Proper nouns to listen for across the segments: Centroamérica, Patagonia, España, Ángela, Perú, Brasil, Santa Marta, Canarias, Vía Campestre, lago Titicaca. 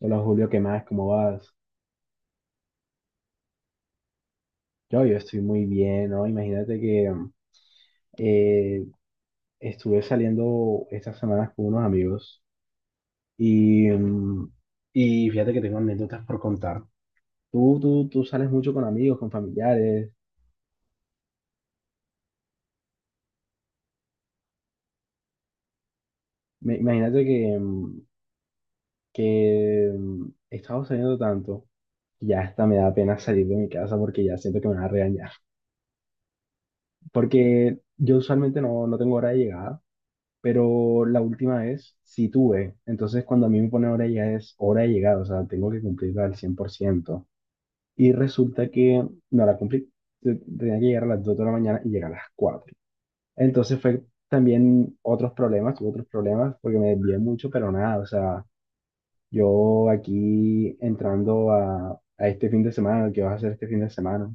Hola Julio, ¿qué más? ¿Cómo vas? Yo estoy muy bien, ¿no? Imagínate que eh, estuve saliendo estas semanas con unos amigos y y fíjate que tengo anécdotas por contar. Tú sales mucho con amigos, con familiares. Imagínate que, que he estado saliendo tanto que ya hasta me da pena salir de mi casa porque ya siento que me van a regañar. Porque yo usualmente no tengo hora de llegada. Pero la última vez sí tuve. Entonces, cuando a mí me pone hora ya es hora de llegada, o sea, tengo que cumplirla al 100%. Y resulta que no la cumplí. Tenía que llegar a las 2 de la mañana y llegar a las 4. Entonces fue también otros problemas, tuve otros problemas porque me desvié mucho, pero nada, o sea, yo aquí entrando a este fin de semana, ¿qué vas a hacer este fin de semana?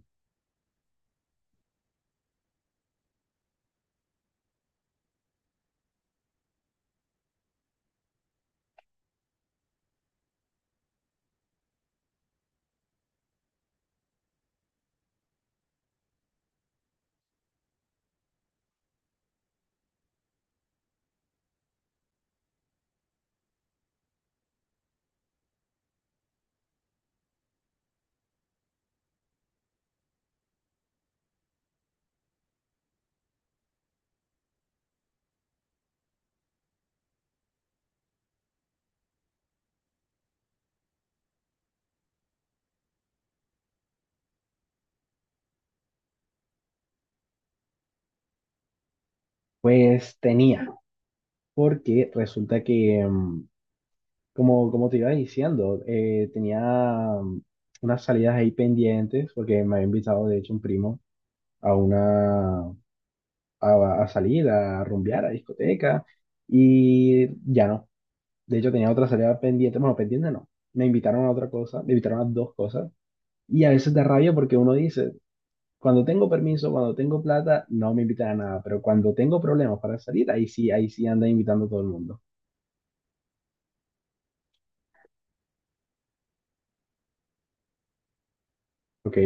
Pues tenía, porque resulta que como, como te iba diciendo, tenía mm, unas salidas ahí pendientes porque me había invitado, de hecho, un primo a una a salir, a rumbear, a discoteca y ya no. De hecho, tenía otra salida pendiente, bueno, pendiente no. Me invitaron a otra cosa, me invitaron a dos cosas y a veces da rabia porque uno dice, cuando tengo permiso, cuando tengo plata, no me invitan a nada, pero cuando tengo problemas para salir, ahí sí anda invitando a todo el mundo. ¿Ok?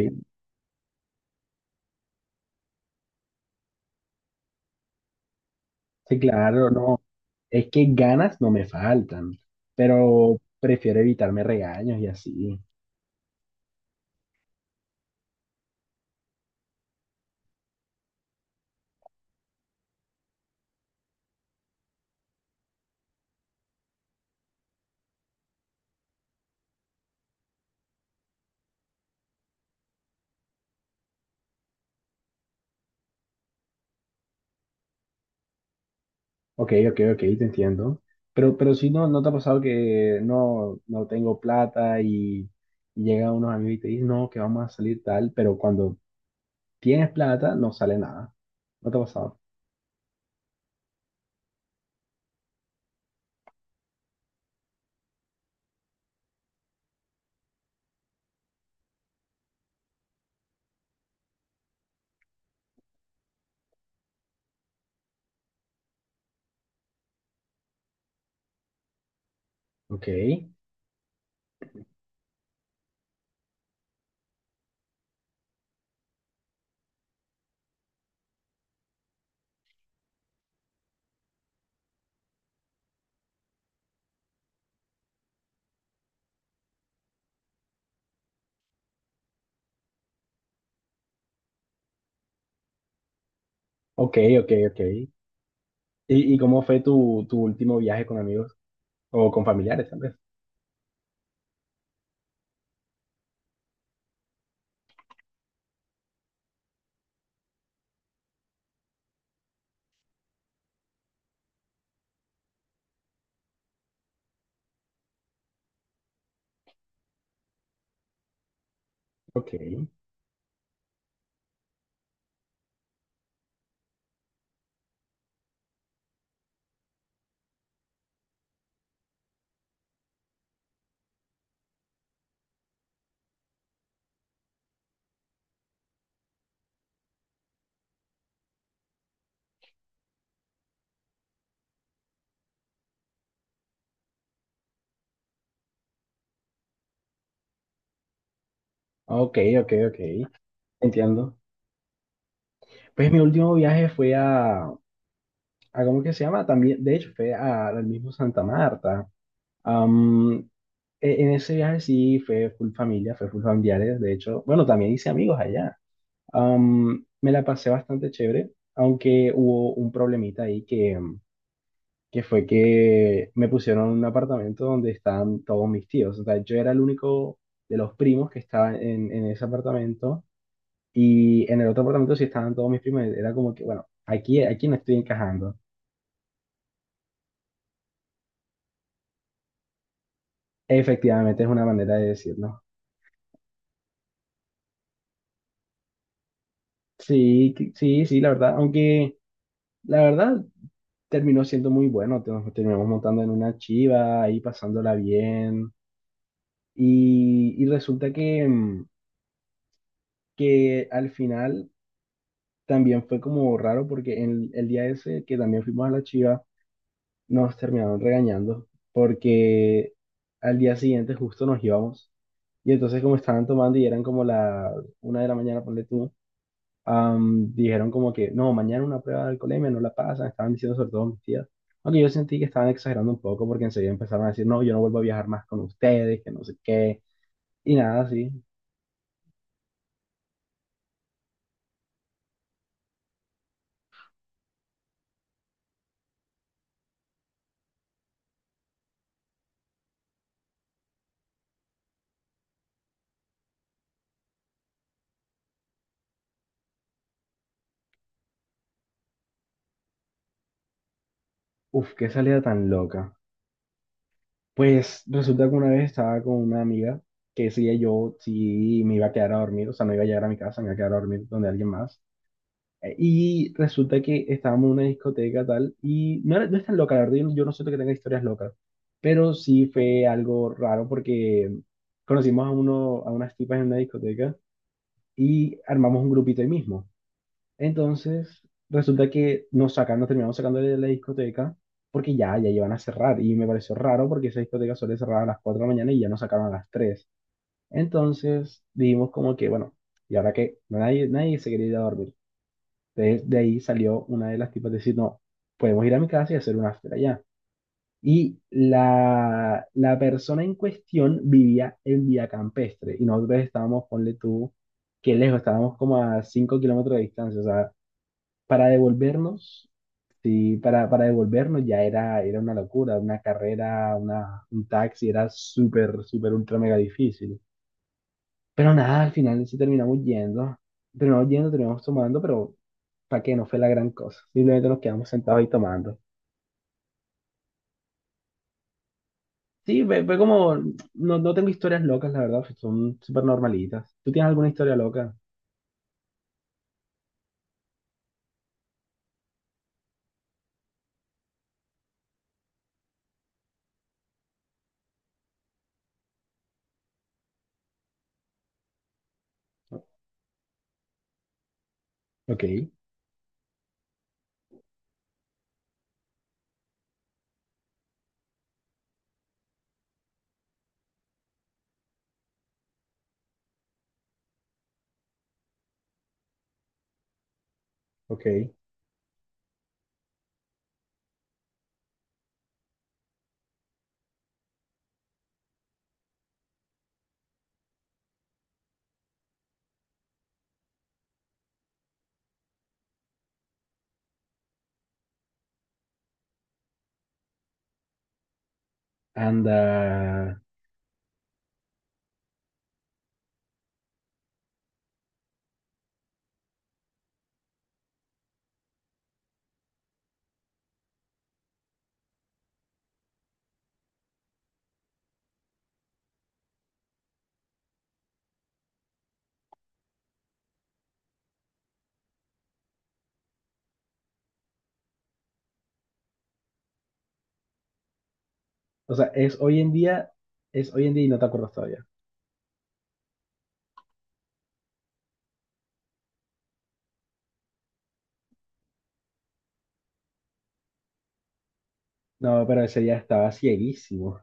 Sí, claro, no. Es que ganas no me faltan, pero prefiero evitarme regaños y así. Ok, ok, ok, te entiendo. Pero si no, ¿no te ha pasado que no tengo plata y llegan unos amigos y te dicen, no, que vamos a salir tal, pero cuando tienes plata no sale nada? ¿No te ha pasado? Ok, ok, ok, ok. Y cómo fue tu último viaje con amigos o con familiares, tal vez? Ok, ok, ok, ok, entiendo. Pues mi último viaje fue a ¿cómo que se llama? También, de hecho, fue al mismo Santa Marta. Am, en ese viaje sí fue full familia, fue full familiares, de hecho, bueno, también hice amigos allá. Me la pasé bastante chévere, aunque hubo un problemita ahí que, que fue que me pusieron en un apartamento donde estaban todos mis tíos. O sea, yo era el único de los primos que estaba en ese apartamento y en el otro apartamento sí estaban todos mis primos. Era como que, bueno, aquí no estoy encajando. Efectivamente, es una manera de decirlo. Sí, sí, la verdad. Aunque la verdad terminó siendo muy bueno. Nos terminamos montando en una chiva, ahí pasándola bien. Y resulta que, que al final también fue como raro porque en el día ese que también fuimos a la chiva, nos terminaron regañando porque al día siguiente justo nos íbamos. Y entonces como estaban tomando y eran como la 1 de la mañana, ponle tú. Dijeron como que, no, mañana una prueba de alcoholemia, no la pasan, estaban diciendo sobre todo mis tías. Aunque yo sentí que estaban exagerando un poco porque enseguida empezaron a decir, no, yo no vuelvo a viajar más con ustedes, que no sé qué, y nada así. Uf, qué salida tan loca. Pues resulta que una vez estaba con una amiga que decía yo sí me iba a quedar a dormir, o sea, no iba a llegar a mi casa, me iba a quedar a dormir donde alguien más. Y resulta que estábamos en una discoteca tal, y no, no es tan loca, la verdad, yo no siento que tenga historias locas, pero sí fue algo raro porque conocimos a, uno, a unas tipas en una discoteca y armamos un grupito ahí mismo. Entonces, resulta que nos sacan, nos terminamos sacando de la discoteca porque ya, ya iban a cerrar, y me pareció raro porque esa discoteca suele cerrar a las 4 de la mañana y ya nos sacaron a las 3. Entonces, dijimos como que, bueno, y ahora que nadie se quería ir a dormir. Entonces, de ahí salió una de las tipas decir, no, podemos ir a mi casa y hacer un after allá. Y la persona en cuestión vivía en Vía Campestre y nosotros estábamos, ponle tú, que lejos, estábamos como a 5 km de distancia. O sea, para devolvernos, sí, para devolvernos ya era, era una locura, una carrera, una, un taxi, era súper, súper, ultra, mega difícil. Pero nada, al final sí terminamos yendo, terminamos yendo, terminamos tomando, pero para que no fue la gran cosa. Simplemente nos quedamos sentados ahí tomando. Sí, ve fue como, no, no tengo historias locas, la verdad, son súper normalitas. ¿Tú tienes alguna historia loca? Ok, ok. Anda. O sea, es hoy en día, es hoy en día y no te acuerdas todavía. No, pero ese día estaba cieguísimo.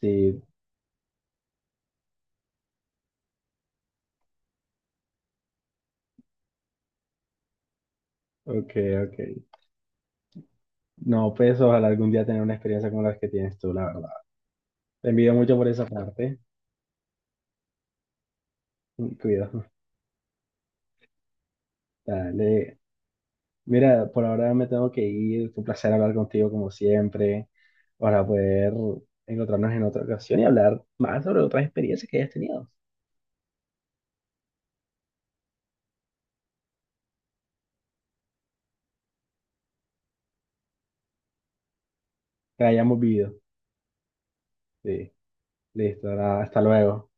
Sí, ok, ok. No, pues ojalá algún día tener una experiencia como la que tienes tú, la verdad. Te envidio mucho por esa parte. Cuidado. Dale. Mira, por ahora me tengo que ir. Fue un placer hablar contigo como siempre, para poder encontrarnos en otra ocasión y hablar más sobre otras experiencias que hayas tenido, que hayamos vivido. Sí, listo, nada, hasta luego.